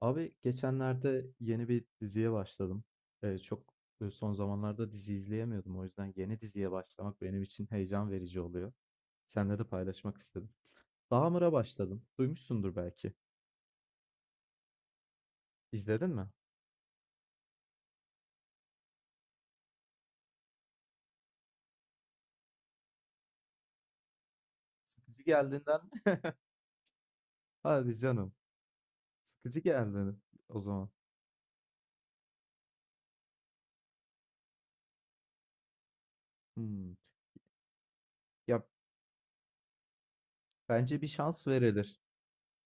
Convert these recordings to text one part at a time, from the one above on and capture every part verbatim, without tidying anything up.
Abi geçenlerde yeni bir diziye başladım. Ee, çok e, Son zamanlarda dizi izleyemiyordum. O yüzden yeni diziye başlamak benim için heyecan verici oluyor. Seninle de paylaşmak istedim. Dahmer'a başladım. Duymuşsundur belki. İzledin mi? Sıkıcı geldiğinden mi? Hadi canım. Sıkıcı geldi o zaman. Hmm. Ya bence bir şans verilir.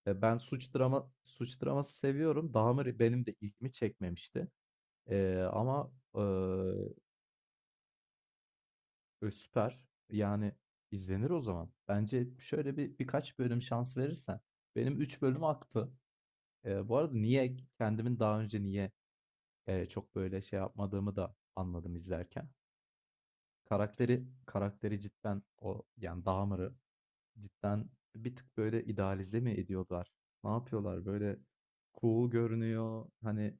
E, ben suç drama suç draması seviyorum. Dahmer benim de ilgimi çekmemişti. E, ama E, süper. Yani, izlenir o zaman. Bence şöyle bir birkaç bölüm şans verirsen. Benim üç bölüm aktı. Eee, bu arada niye kendimin daha önce niye, eee, çok böyle şey yapmadığımı da anladım izlerken. Karakteri karakteri cidden o, yani, Dahmer'ı cidden bir tık böyle idealize mi ediyorlar? Ne yapıyorlar? Böyle cool görünüyor. Hani,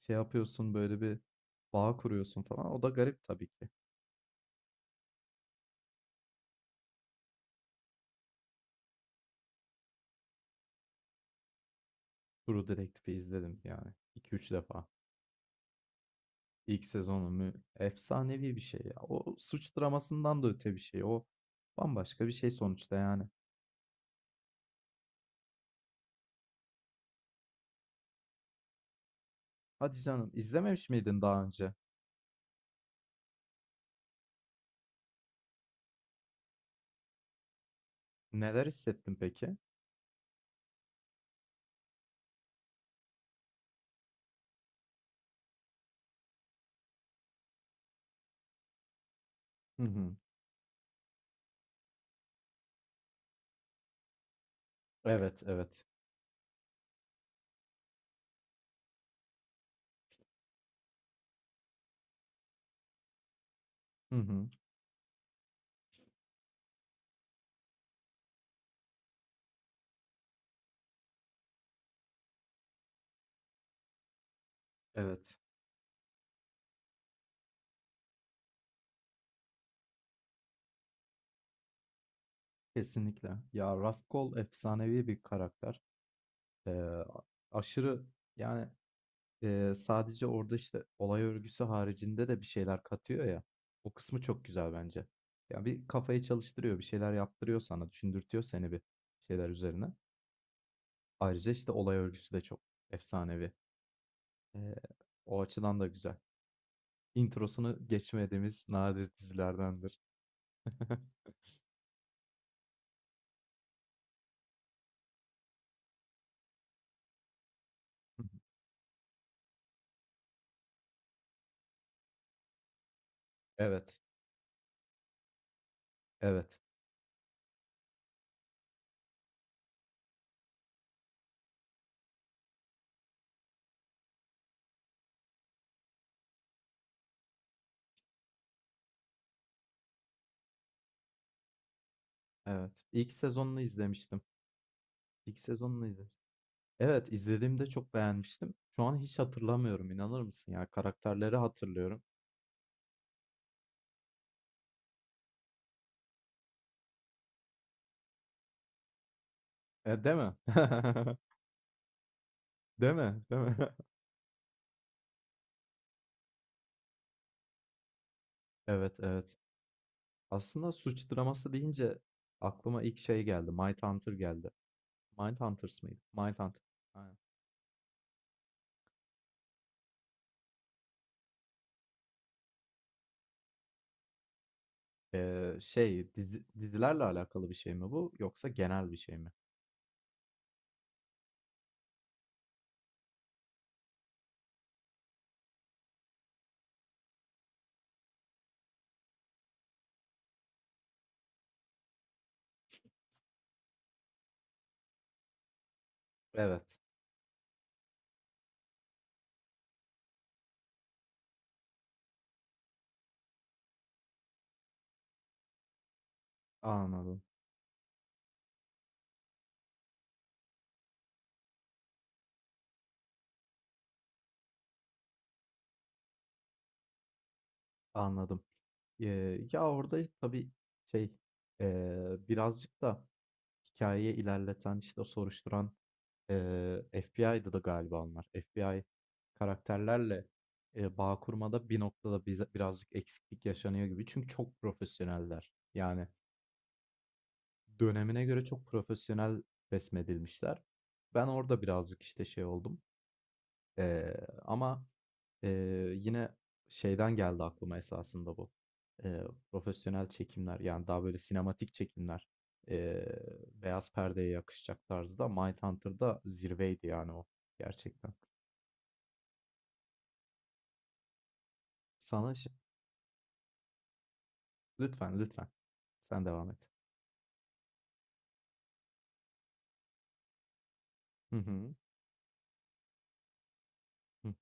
şey yapıyorsun, böyle bir bağ kuruyorsun falan. O da garip tabii ki. True Detective'i izledim yani iki üç defa. İlk sezonu mu? Efsanevi bir şey ya. O suç dramasından da öte bir şey. O bambaşka bir şey sonuçta yani. Hadi canım izlememiş miydin daha önce? Neler hissettin peki? Hı hı. Evet, evet. Hı hı, evet. Kesinlikle. Ya Raskol efsanevi bir karakter. Ee, Aşırı yani e, sadece orada işte olay örgüsü haricinde de bir şeyler katıyor ya. O kısmı çok güzel bence. Ya bir kafayı çalıştırıyor, bir şeyler yaptırıyor sana, düşündürtüyor seni bir şeyler üzerine. Ayrıca, işte, olay örgüsü de çok efsanevi. Eee, O açıdan da güzel. Introsunu geçmediğimiz nadir dizilerdendir. Evet, evet, evet. İlk sezonunu izlemiştim. İlk sezonunu izledim. Evet, izlediğimde çok beğenmiştim. Şu an hiç hatırlamıyorum, inanır mısın ya? Karakterleri hatırlıyorum. E, değil mi? Değil mi? Değil mi? Evet, evet. Aslında suç draması deyince aklıma ilk şey geldi, Mindhunter geldi. Mindhunters mıydı? Mindhunter. Aynen. Eee, şey, dizi dizilerle alakalı bir şey mi bu yoksa genel bir şey mi? Evet, anladım, anladım. Eee, ya, orada tabii şey, eee, birazcık da hikayeyi ilerleten, işte, o soruşturan, eee, F B I'dı da galiba onlar. F B I karakterlerle, eee, bağ kurmada bir noktada bize birazcık eksiklik yaşanıyor gibi. Çünkü çok profesyoneller. Yani dönemine göre çok profesyonel resmedilmişler. Ben orada birazcık, işte, şey oldum, Eee, ama, eee, yine şeyden geldi aklıma esasında bu. Eee, Profesyonel çekimler, yani, daha böyle sinematik çekimler, eee, beyaz perdeye yakışacak tarzda Mindhunter'da zirveydi, yani, o gerçekten. Sana ş Lütfen, lütfen. Sen devam et. Hı hı. Hı hı.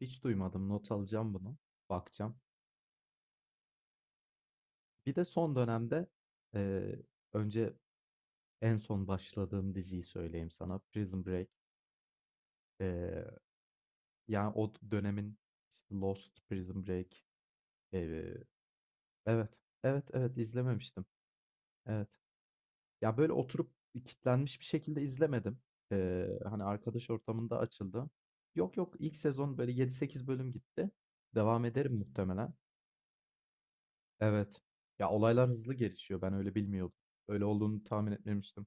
Hiç duymadım. Not alacağım bunu. Bakacağım. Bir de son dönemde, eee, önce en son başladığım diziyi söyleyeyim sana. Prison Break. eee Ya o dönemin işte Lost, Prison Break, eee, evet, evet, evet izlememiştim. Evet. Ya böyle oturup kitlenmiş bir şekilde izlemedim. Eee, hani arkadaş ortamında açıldı. Yok yok ilk sezon böyle yedi sekiz bölüm gitti. Devam ederim muhtemelen. Evet. Ya olaylar hızlı gelişiyor. Ben öyle bilmiyordum. Öyle olduğunu tahmin etmemiştim.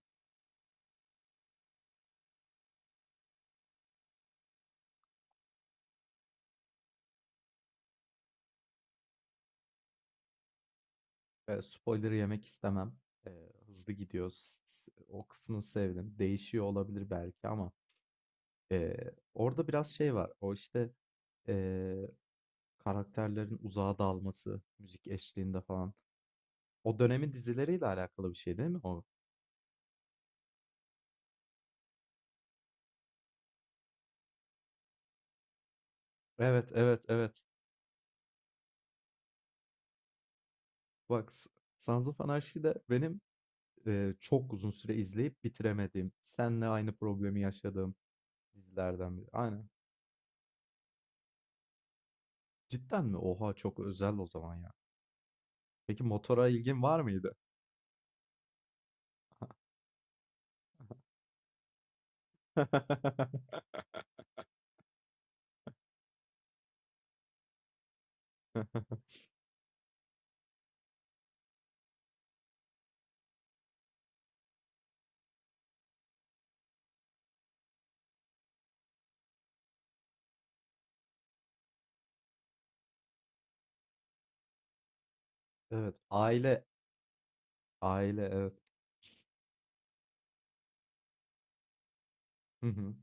Eee, spoiler yemek istemem. Eee, hızlı gidiyor. S- s- O kısmını sevdim. Değişiyor olabilir belki ama eee orada biraz şey var. O işte Eee, Karakterlerin uzağa dalması, müzik eşliğinde falan. O dönemin dizileriyle alakalı bir şey değil mi o? Evet, evet, evet. Bak, S- Sons of Anarchy de benim eee, çok uzun süre izleyip bitiremediğim, seninle aynı problemi yaşadığım dizilerden biri. Aynen. Cidden mi? Oha çok özel o zaman ya. Peki motora ilgin var mıydı? Evet, aile, aile evet. Hı hı.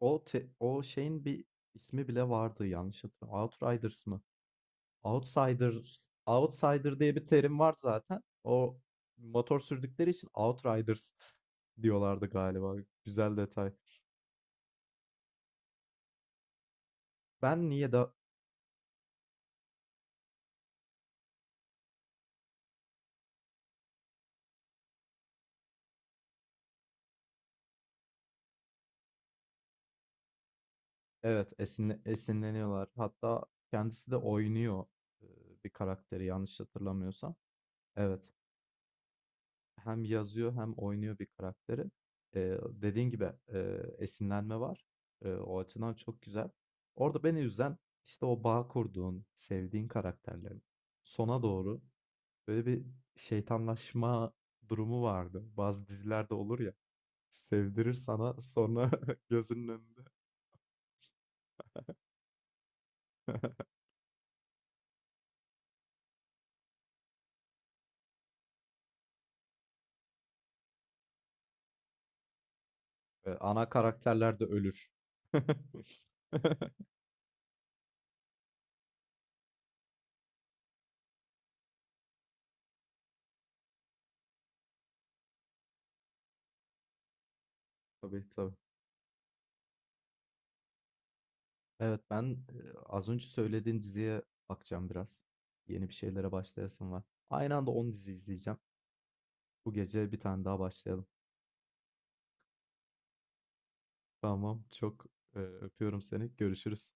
O te- o şeyin bir ismi bile vardı yanlış hatırlamıyorum. Outriders mı? Outsiders, outsider diye bir terim var zaten. O motor sürdükleri için outriders diyorlardı galiba. Güzel detay. Ben niye de Evet, esinle- esinleniyorlar. Hatta kendisi de oynuyor e, bir karakteri yanlış hatırlamıyorsam. Evet. Hem yazıyor hem oynuyor bir karakteri. E, dediğin gibi e, esinlenme var. E, o açıdan çok güzel. Orada beni üzen işte o bağ kurduğun, sevdiğin karakterlerin sona doğru böyle bir şeytanlaşma durumu vardı. Bazı dizilerde olur ya, sevdirir sana sonra gözünün önünde. E, ana karakterler de ölür. Tabii tabii. Evet, ben e, az önce söylediğin diziye bakacağım biraz. Yeni bir şeylere başlayasım var. Aynı anda on dizi izleyeceğim. Bu gece bir tane daha başlayalım. Tamam, çok e, öpüyorum seni. Görüşürüz.